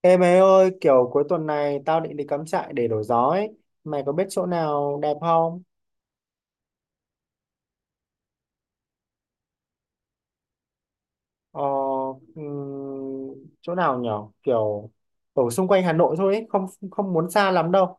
Ê mày ơi, kiểu cuối tuần này tao định đi cắm trại để đổi gió ấy. Mày có biết chỗ nào đẹp không? Ờ, ừm, chỗ nào nhở? Kiểu ở xung quanh Hà Nội thôi ấy, không không muốn xa lắm đâu.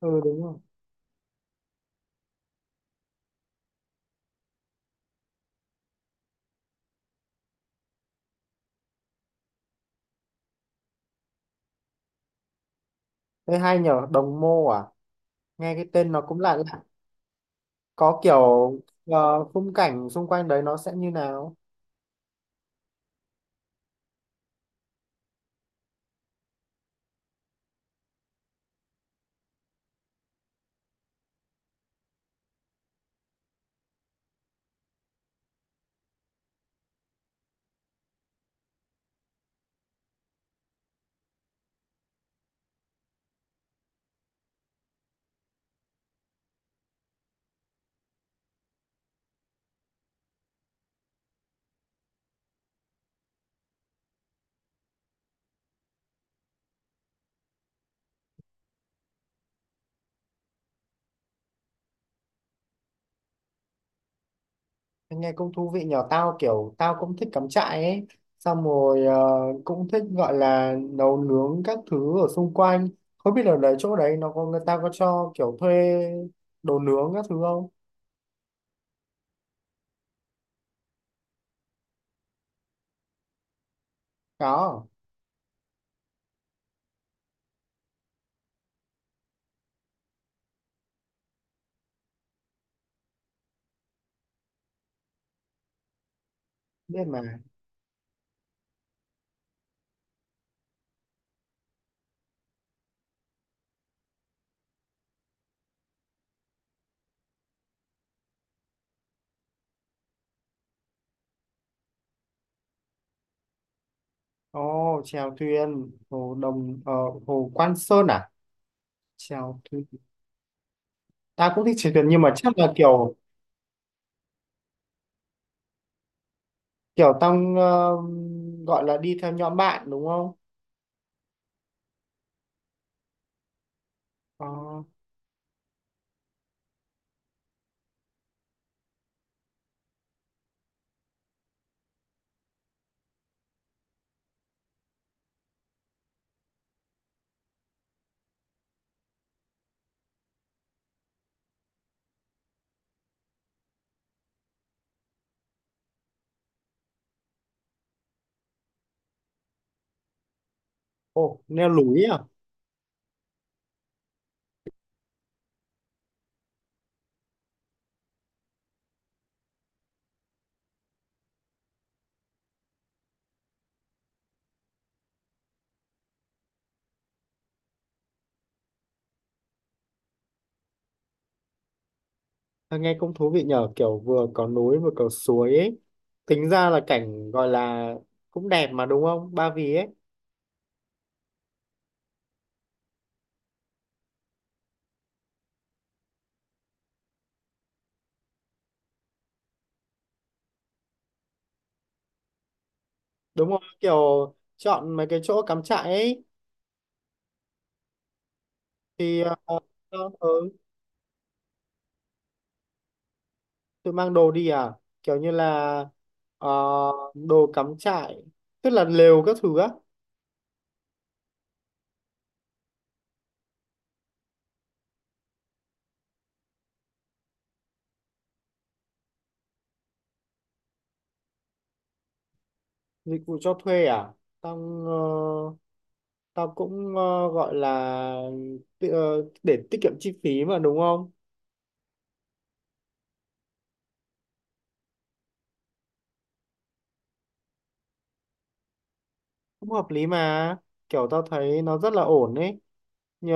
Ừ đúng rồi. Thế hay nhở, Đồng Mô à? Nghe cái tên nó cũng lạ lạ. Có kiểu khung cảnh xung quanh đấy nó sẽ như nào? Nghe cũng thú vị nhỏ, tao kiểu tao cũng thích cắm trại ấy, xong rồi cũng thích gọi là nấu nướng các thứ ở xung quanh. Không biết ở đấy, chỗ đấy nó có người ta có cho kiểu thuê đồ nướng các thứ không? Có, biết mà. Ồ, chèo thuyền hồ đồng hồ Quan Sơn à? Chèo thuyền. Ta cũng thích chèo thuyền nhưng mà chắc là kiểu kiểu tao gọi là đi theo nhóm bạn đúng không? Ờ. Ồ, leo núi à? À, nghe cũng thú vị nhờ, kiểu vừa có núi vừa có suối ấy. Tính ra là cảnh gọi là cũng đẹp mà đúng không? Ba Vì ấy. Đúng không? Kiểu chọn mấy cái chỗ cắm trại ấy thì ờ, ờ, ờ, tôi mang đồ đi à? Kiểu như là ờ, đồ cắm trại, tức là lều các thứ á, dịch vụ cho thuê à? Tao ờ, tao cũng gọi là để tiết kiệm chi phí mà đúng không? Cũng hợp lý mà. Kiểu tao thấy nó rất là ổn ấy. Nhờ,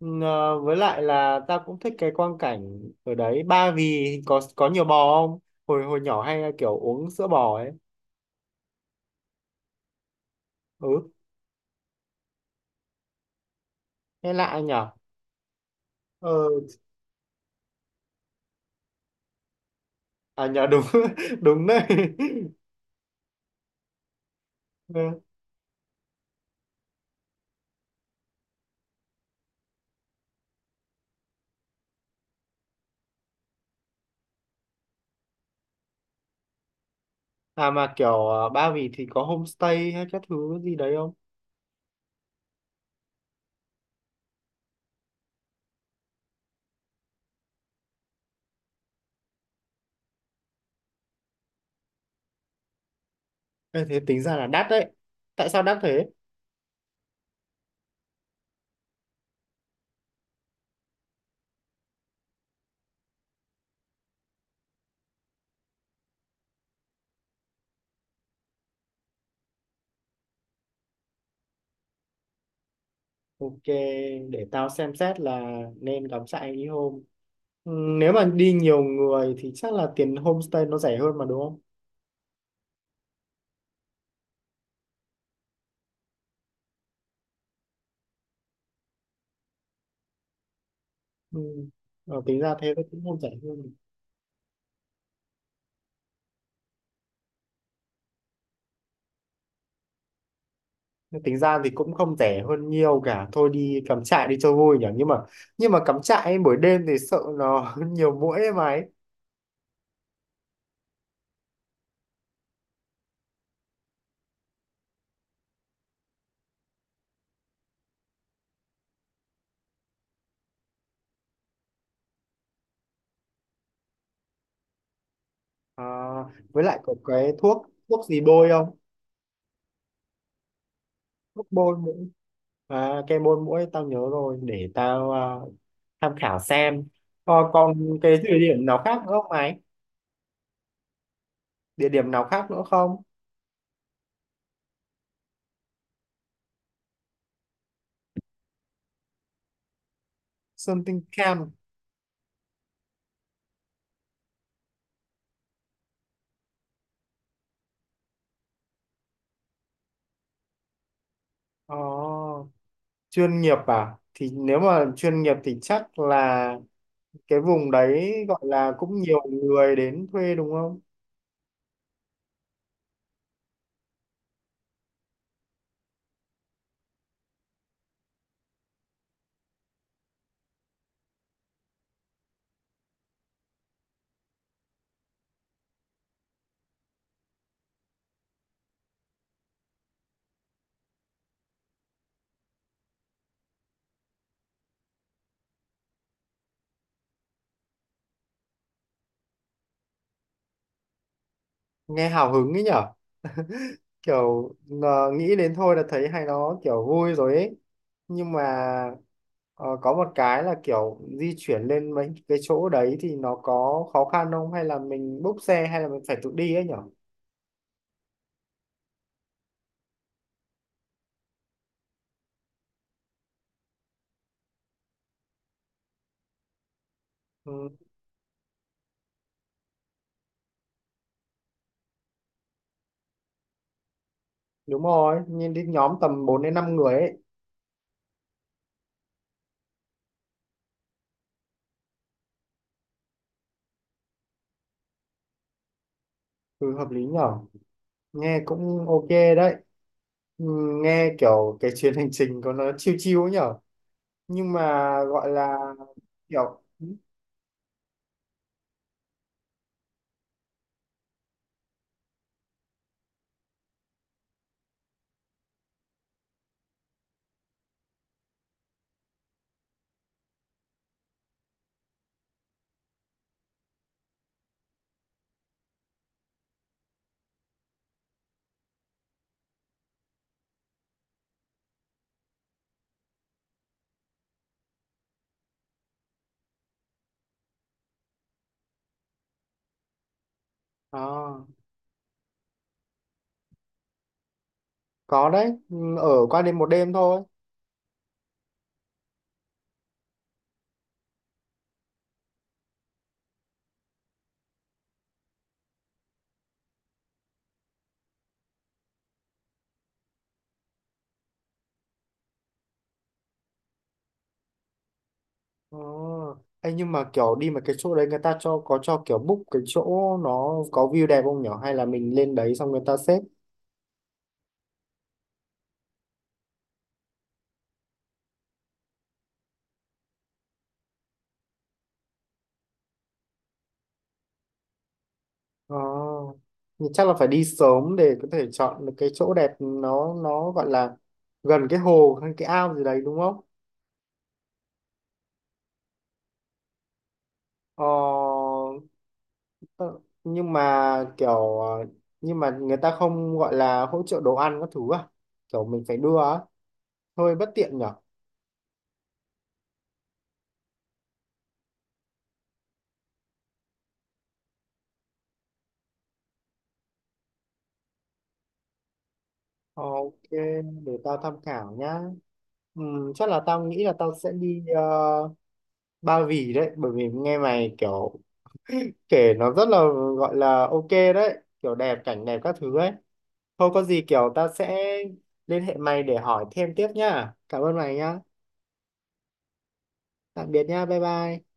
nhờ, với lại là ta cũng thích cái quang cảnh ở đấy. Ba Vì có nhiều bò không? Hồi hồi nhỏ hay kiểu uống sữa bò ấy. Ừ, nghe lạ nhỉ. Ờ, à nhờ đúng. Đúng đấy. Ừ. À mà kiểu Ba Vì thì có homestay hay các thứ gì đấy không? Ê, thế tính ra là đắt đấy, tại sao đắt thế? Ok, để tao xem xét là nên cắm trại đi hôm. Ừ, nếu mà đi nhiều người thì chắc là tiền homestay nó rẻ hơn mà đúng không? Ừ. Ờ, tính ra thế nó cũng không rẻ hơn. Nhưng tính ra thì cũng không rẻ hơn nhiều cả, thôi đi cắm trại đi cho vui nhỉ. Nhưng mà, nhưng mà cắm trại ấy, buổi đêm thì sợ nó nhiều muỗi ấy mà ấy. À, với lại có cái thuốc thuốc gì bôi không? Thuốc bôi muỗi. À, cái bôi muỗi tao nhớ rồi, để tao à, tham khảo xem. Ờ, còn cái địa điểm nào khác nữa không ấy? Địa điểm nào khác nữa không? Something Camp. Ồ, chuyên nghiệp à? Thì nếu mà chuyên nghiệp thì chắc là cái vùng đấy gọi là cũng nhiều người đến thuê đúng không? Nghe hào hứng ấy nhở, kiểu nghĩ đến thôi là thấy hay, nó kiểu vui rồi ấy. Nhưng mà ờ, có một cái là kiểu di chuyển lên mấy cái chỗ đấy thì nó có khó khăn không, hay là mình búc xe hay là mình phải tự đi ấy nhở? Ừ, đúng rồi, nhìn đến nhóm tầm 4 đến 5 người ấy. Ừ, hợp lý nhở. Nghe cũng ok đấy. Ừ, nghe kiểu cái chuyến hành trình của nó chill chill ấy nhở. Nhưng mà gọi là kiểu à, có đấy. Ừ, ở qua đêm một đêm thôi. Ờ. Ê, nhưng mà kiểu đi mà cái chỗ đấy người ta cho, có cho kiểu book cái chỗ, nó có view đẹp không nhở, hay là mình lên đấy xong người ta xếp? Ờ. Nhưng chắc là phải đi sớm để có thể chọn được cái chỗ đẹp, nó gọi là gần cái hồ hay cái ao gì đấy đúng không? Ờ. Ờ, nhưng mà kiểu nhưng mà người ta không gọi là hỗ trợ đồ ăn các thứ à? Kiểu mình phải đưa á, hơi bất tiện nhở. Ờ, ok, để tao tham khảo nhá. Chắc là tao nghĩ là tao sẽ đi Ba Vì đấy, bởi vì nghe mày kiểu kể nó rất là gọi là ok đấy, kiểu đẹp, cảnh đẹp các thứ ấy. Thôi có gì kiểu tao sẽ liên hệ mày để hỏi thêm tiếp nhá, cảm ơn mày nhá. Tạm biệt nhá, bye bye